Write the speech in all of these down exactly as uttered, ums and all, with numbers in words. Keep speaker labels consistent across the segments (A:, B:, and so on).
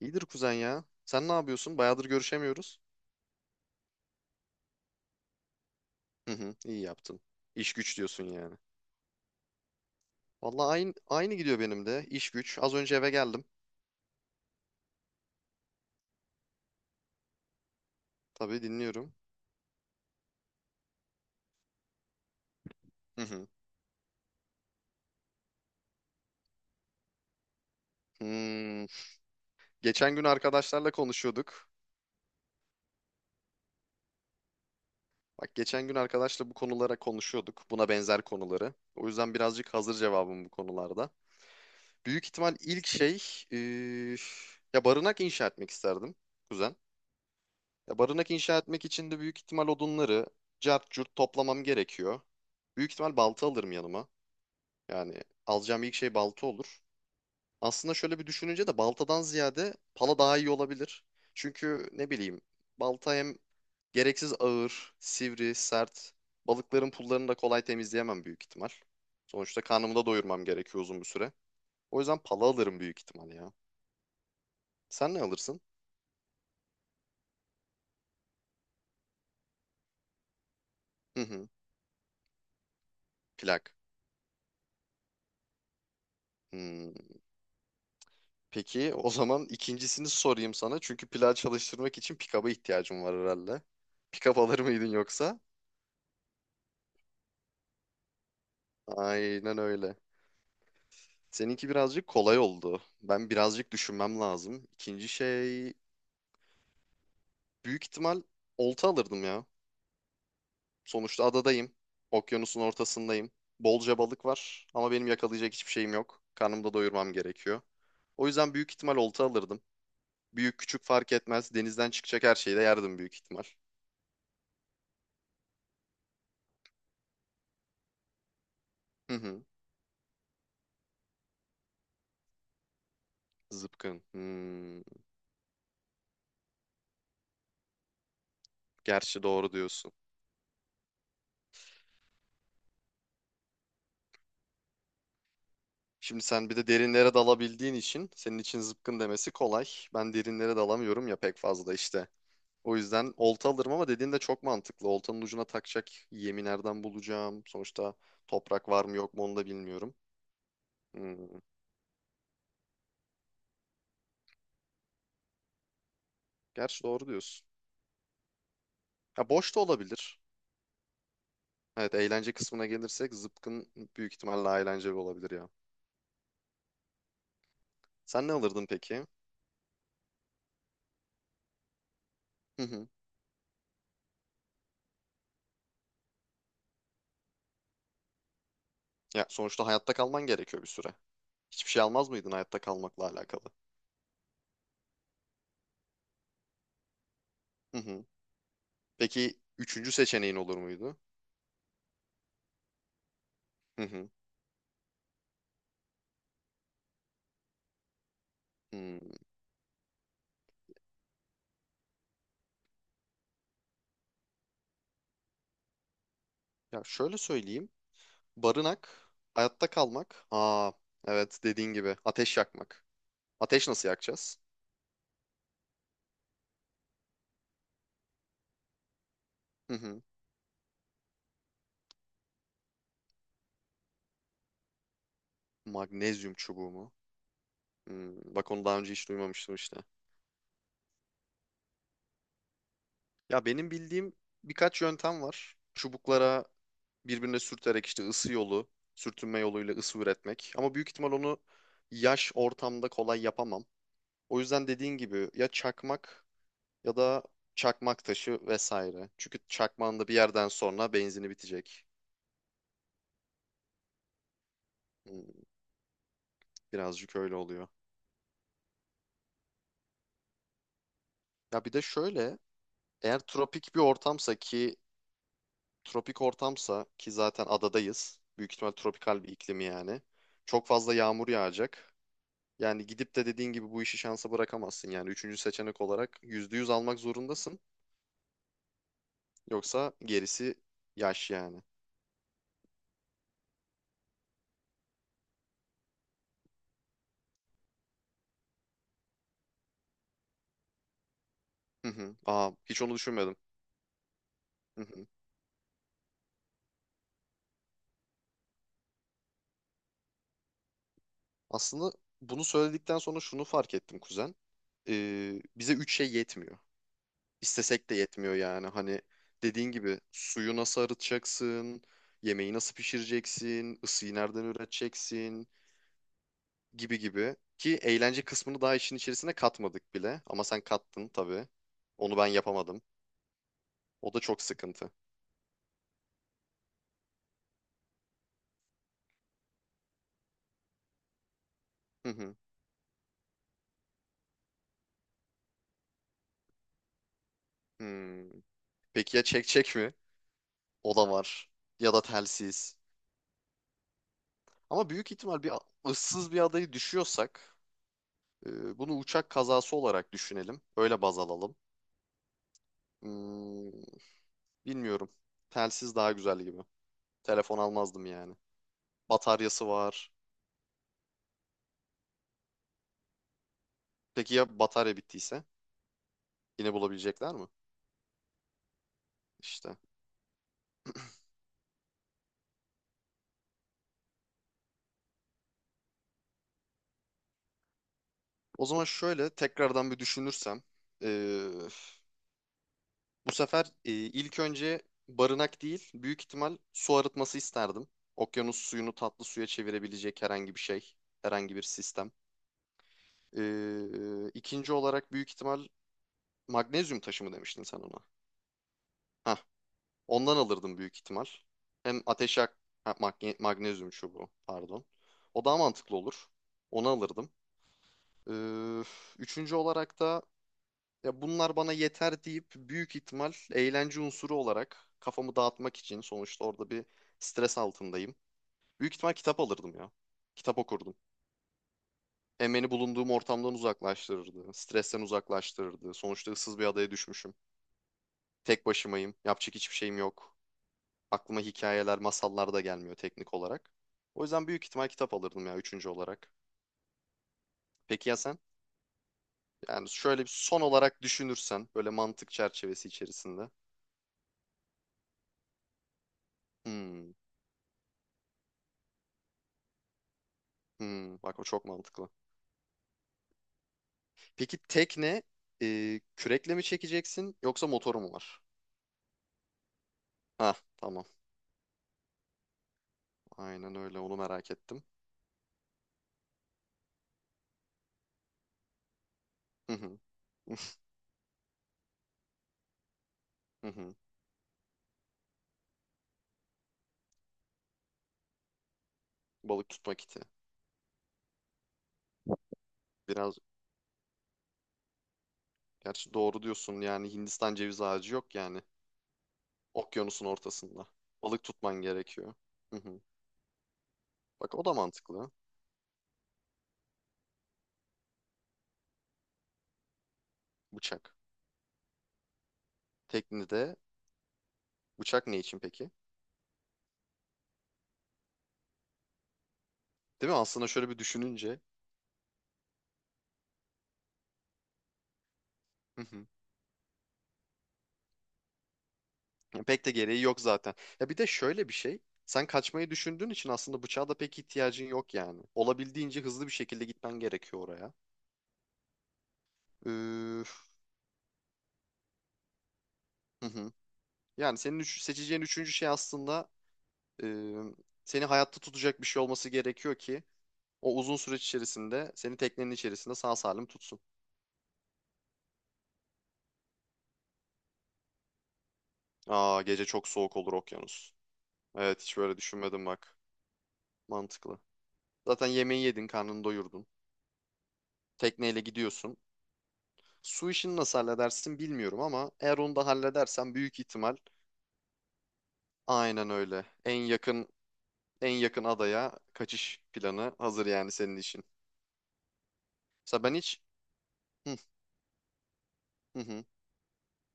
A: İyidir kuzen ya. Sen ne yapıyorsun? Bayağıdır görüşemiyoruz. Hı hı, iyi yaptın. İş güç diyorsun yani. Vallahi aynı, aynı gidiyor benim de. İş güç. Az önce eve geldim. Tabii dinliyorum. Hı hı. Hmm, geçen gün arkadaşlarla konuşuyorduk. Bak geçen gün arkadaşla bu konulara konuşuyorduk. Buna benzer konuları. O yüzden birazcık hazır cevabım bu konularda. Büyük ihtimal ilk şey... eee, ya barınak inşa etmek isterdim kuzen. Ya barınak inşa etmek için de büyük ihtimal odunları cart curt toplamam gerekiyor. Büyük ihtimal balta alırım yanıma. Yani alacağım ilk şey balta olur. Aslında şöyle bir düşününce de baltadan ziyade pala daha iyi olabilir. Çünkü ne bileyim balta hem gereksiz ağır, sivri, sert. Balıkların pullarını da kolay temizleyemem büyük ihtimal. Sonuçta karnımı da doyurmam gerekiyor uzun bir süre. O yüzden pala alırım büyük ihtimal ya. Sen ne alırsın? Hı hı, plak. Hmm. Peki o zaman ikincisini sorayım sana. Çünkü plan çalıştırmak için pick-up'a ihtiyacım var herhalde. Pick-up alır mıydın yoksa? Aynen öyle. Seninki birazcık kolay oldu. Ben birazcık düşünmem lazım. İkinci şey büyük ihtimal olta alırdım ya. Sonuçta adadayım. Okyanusun ortasındayım. Bolca balık var ama benim yakalayacak hiçbir şeyim yok. Karnımı da doyurmam gerekiyor. O yüzden büyük ihtimal olta alırdım. Büyük küçük fark etmez. Denizden çıkacak her şeyi de yerdim büyük ihtimal. Hı hı. Zıpkın. Hmm. Gerçi doğru diyorsun. Şimdi sen bir de derinlere dalabildiğin için senin için zıpkın demesi kolay. Ben derinlere dalamıyorum ya pek fazla işte. O yüzden olta alırım ama dediğin de çok mantıklı. Oltanın ucuna takacak yemi nereden bulacağım? Sonuçta toprak var mı yok mu onu da bilmiyorum. Hmm. Gerçi doğru diyorsun. Ya boş da olabilir. Evet, eğlence kısmına gelirsek zıpkın büyük ihtimalle daha eğlenceli olabilir ya. Sen ne alırdın peki? Hı hı. Ya sonuçta hayatta kalman gerekiyor bir süre. Hiçbir şey almaz mıydın hayatta kalmakla alakalı? Hı hı. Peki üçüncü seçeneğin olur muydu? Hı hı. Hmm. Ya şöyle söyleyeyim. Barınak, hayatta kalmak. Aa, evet, dediğin gibi ateş yakmak. Ateş nasıl yakacağız? Hı hı. Magnezyum çubuğu mu? Hmm, bak onu daha önce hiç duymamıştım işte. Ya benim bildiğim birkaç yöntem var. Çubuklara birbirine sürterek işte ısı yolu, sürtünme yoluyla ısı üretmek. Ama büyük ihtimal onu yaş ortamda kolay yapamam. O yüzden dediğin gibi ya çakmak ya da çakmak taşı vesaire. Çünkü çakmağın da bir yerden sonra benzini bitecek. Hmm, birazcık öyle oluyor. Ya bir de şöyle, eğer tropik bir ortamsa ki tropik ortamsa ki zaten adadayız. Büyük ihtimal tropikal bir iklimi yani. Çok fazla yağmur yağacak. Yani gidip de dediğin gibi bu işi şansa bırakamazsın. Yani üçüncü seçenek olarak yüzde yüz almak zorundasın. Yoksa gerisi yaş yani. Hı hı. Aa, hiç onu düşünmedim. Hı hı. Aslında bunu söyledikten sonra şunu fark ettim kuzen. E, bize üç şey yetmiyor. İstesek de yetmiyor yani. Hani dediğin gibi suyu nasıl arıtacaksın, yemeği nasıl pişireceksin, ısıyı nereden üreteceksin gibi gibi. Ki eğlence kısmını daha işin içerisine katmadık bile. Ama sen kattın tabii. Onu ben yapamadım. O da çok sıkıntı. Hı hı. Hmm. Peki ya çek çek mi? O da var. Ya da telsiz. Ama büyük ihtimal bir ıssız bir adayı düşüyorsak e, bunu uçak kazası olarak düşünelim. Öyle baz alalım. Hmm, bilmiyorum. Telsiz daha güzel gibi. Telefon almazdım yani. Bataryası var. Peki ya batarya bittiyse? Yine bulabilecekler mi? İşte. O zaman şöyle tekrardan bir düşünürsem. ee, Bu sefer ee, ilk önce barınak değil, büyük ihtimal su arıtması isterdim. Okyanus suyunu tatlı suya çevirebilecek herhangi bir şey, herhangi bir sistem. Ee, ikinci olarak büyük ihtimal magnezyum taşı mı demiştin sen ona? Hah, ondan alırdım büyük ihtimal. Hem ateş yak ha, magne- magnezyum çubuğu pardon. O daha mantıklı olur. Onu alırdım. Ee, Üçüncü olarak da ya bunlar bana yeter deyip büyük ihtimal eğlence unsuru olarak kafamı dağıtmak için sonuçta orada bir stres altındayım. Büyük ihtimal kitap alırdım ya. Kitap okurdum. Hem beni bulunduğum ortamdan uzaklaştırırdı. Stresten uzaklaştırırdı. Sonuçta ıssız bir adaya düşmüşüm. Tek başımayım. Yapacak hiçbir şeyim yok. Aklıma hikayeler, masallar da gelmiyor teknik olarak. O yüzden büyük ihtimal kitap alırdım ya üçüncü olarak. Peki ya sen? Yani şöyle bir son olarak düşünürsen böyle mantık çerçevesi içerisinde. Hmm, hmm, bak o çok mantıklı. Peki tekne e, kürekle mi çekeceksin yoksa motoru mu var? Ha tamam. Aynen öyle, onu merak ettim. Hı hı, hı hı. Balık tutma kiti. Biraz, gerçi doğru diyorsun yani Hindistan ceviz ağacı yok yani. Okyanusun ortasında. Balık tutman gerekiyor. Hı hı. Bak o da mantıklı. Bıçak. Teknede bıçak ne için peki? Değil mi? Aslında şöyle bir düşününce hı hı, pek de gereği yok zaten. Ya bir de şöyle bir şey. Sen kaçmayı düşündüğün için aslında bıçağa da pek ihtiyacın yok yani. Olabildiğince hızlı bir şekilde gitmen gerekiyor oraya. Üf, hı hı. Yani senin üç- seçeceğin üçüncü şey aslında e, seni hayatta tutacak bir şey olması gerekiyor ki o uzun süreç içerisinde seni teknenin içerisinde sağ salim tutsun. Aa, gece çok soğuk olur okyanus. Evet, hiç böyle düşünmedim bak. Mantıklı. Zaten yemeği yedin, karnını doyurdun. Tekneyle gidiyorsun. Su işini nasıl halledersin bilmiyorum ama eğer onu da halledersen büyük ihtimal aynen öyle. En yakın en yakın adaya kaçış planı hazır yani senin için. Mesela ben hiç hı hı, hı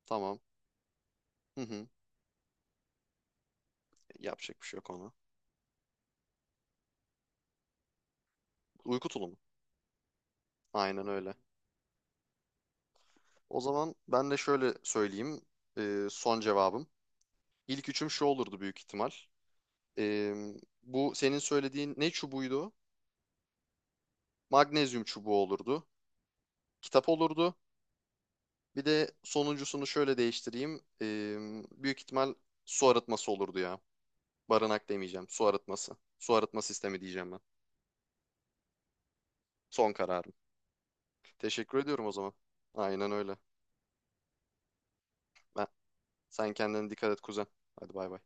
A: tamam, hı hı, yapacak bir şey yok ona. Uyku tulumu. Aynen öyle. O zaman ben de şöyle söyleyeyim e, son cevabım. İlk üçüm şu olurdu büyük ihtimal. E, Bu senin söylediğin ne çubuğuydu? Magnezyum çubuğu olurdu. Kitap olurdu. Bir de sonuncusunu şöyle değiştireyim. Ee, büyük ihtimal su arıtması olurdu ya. Barınak demeyeceğim. Su arıtması. Su arıtma sistemi diyeceğim ben. Son kararım. Teşekkür ediyorum o zaman. Aynen öyle. Ben, sen kendine dikkat et kuzen. Hadi bay bay.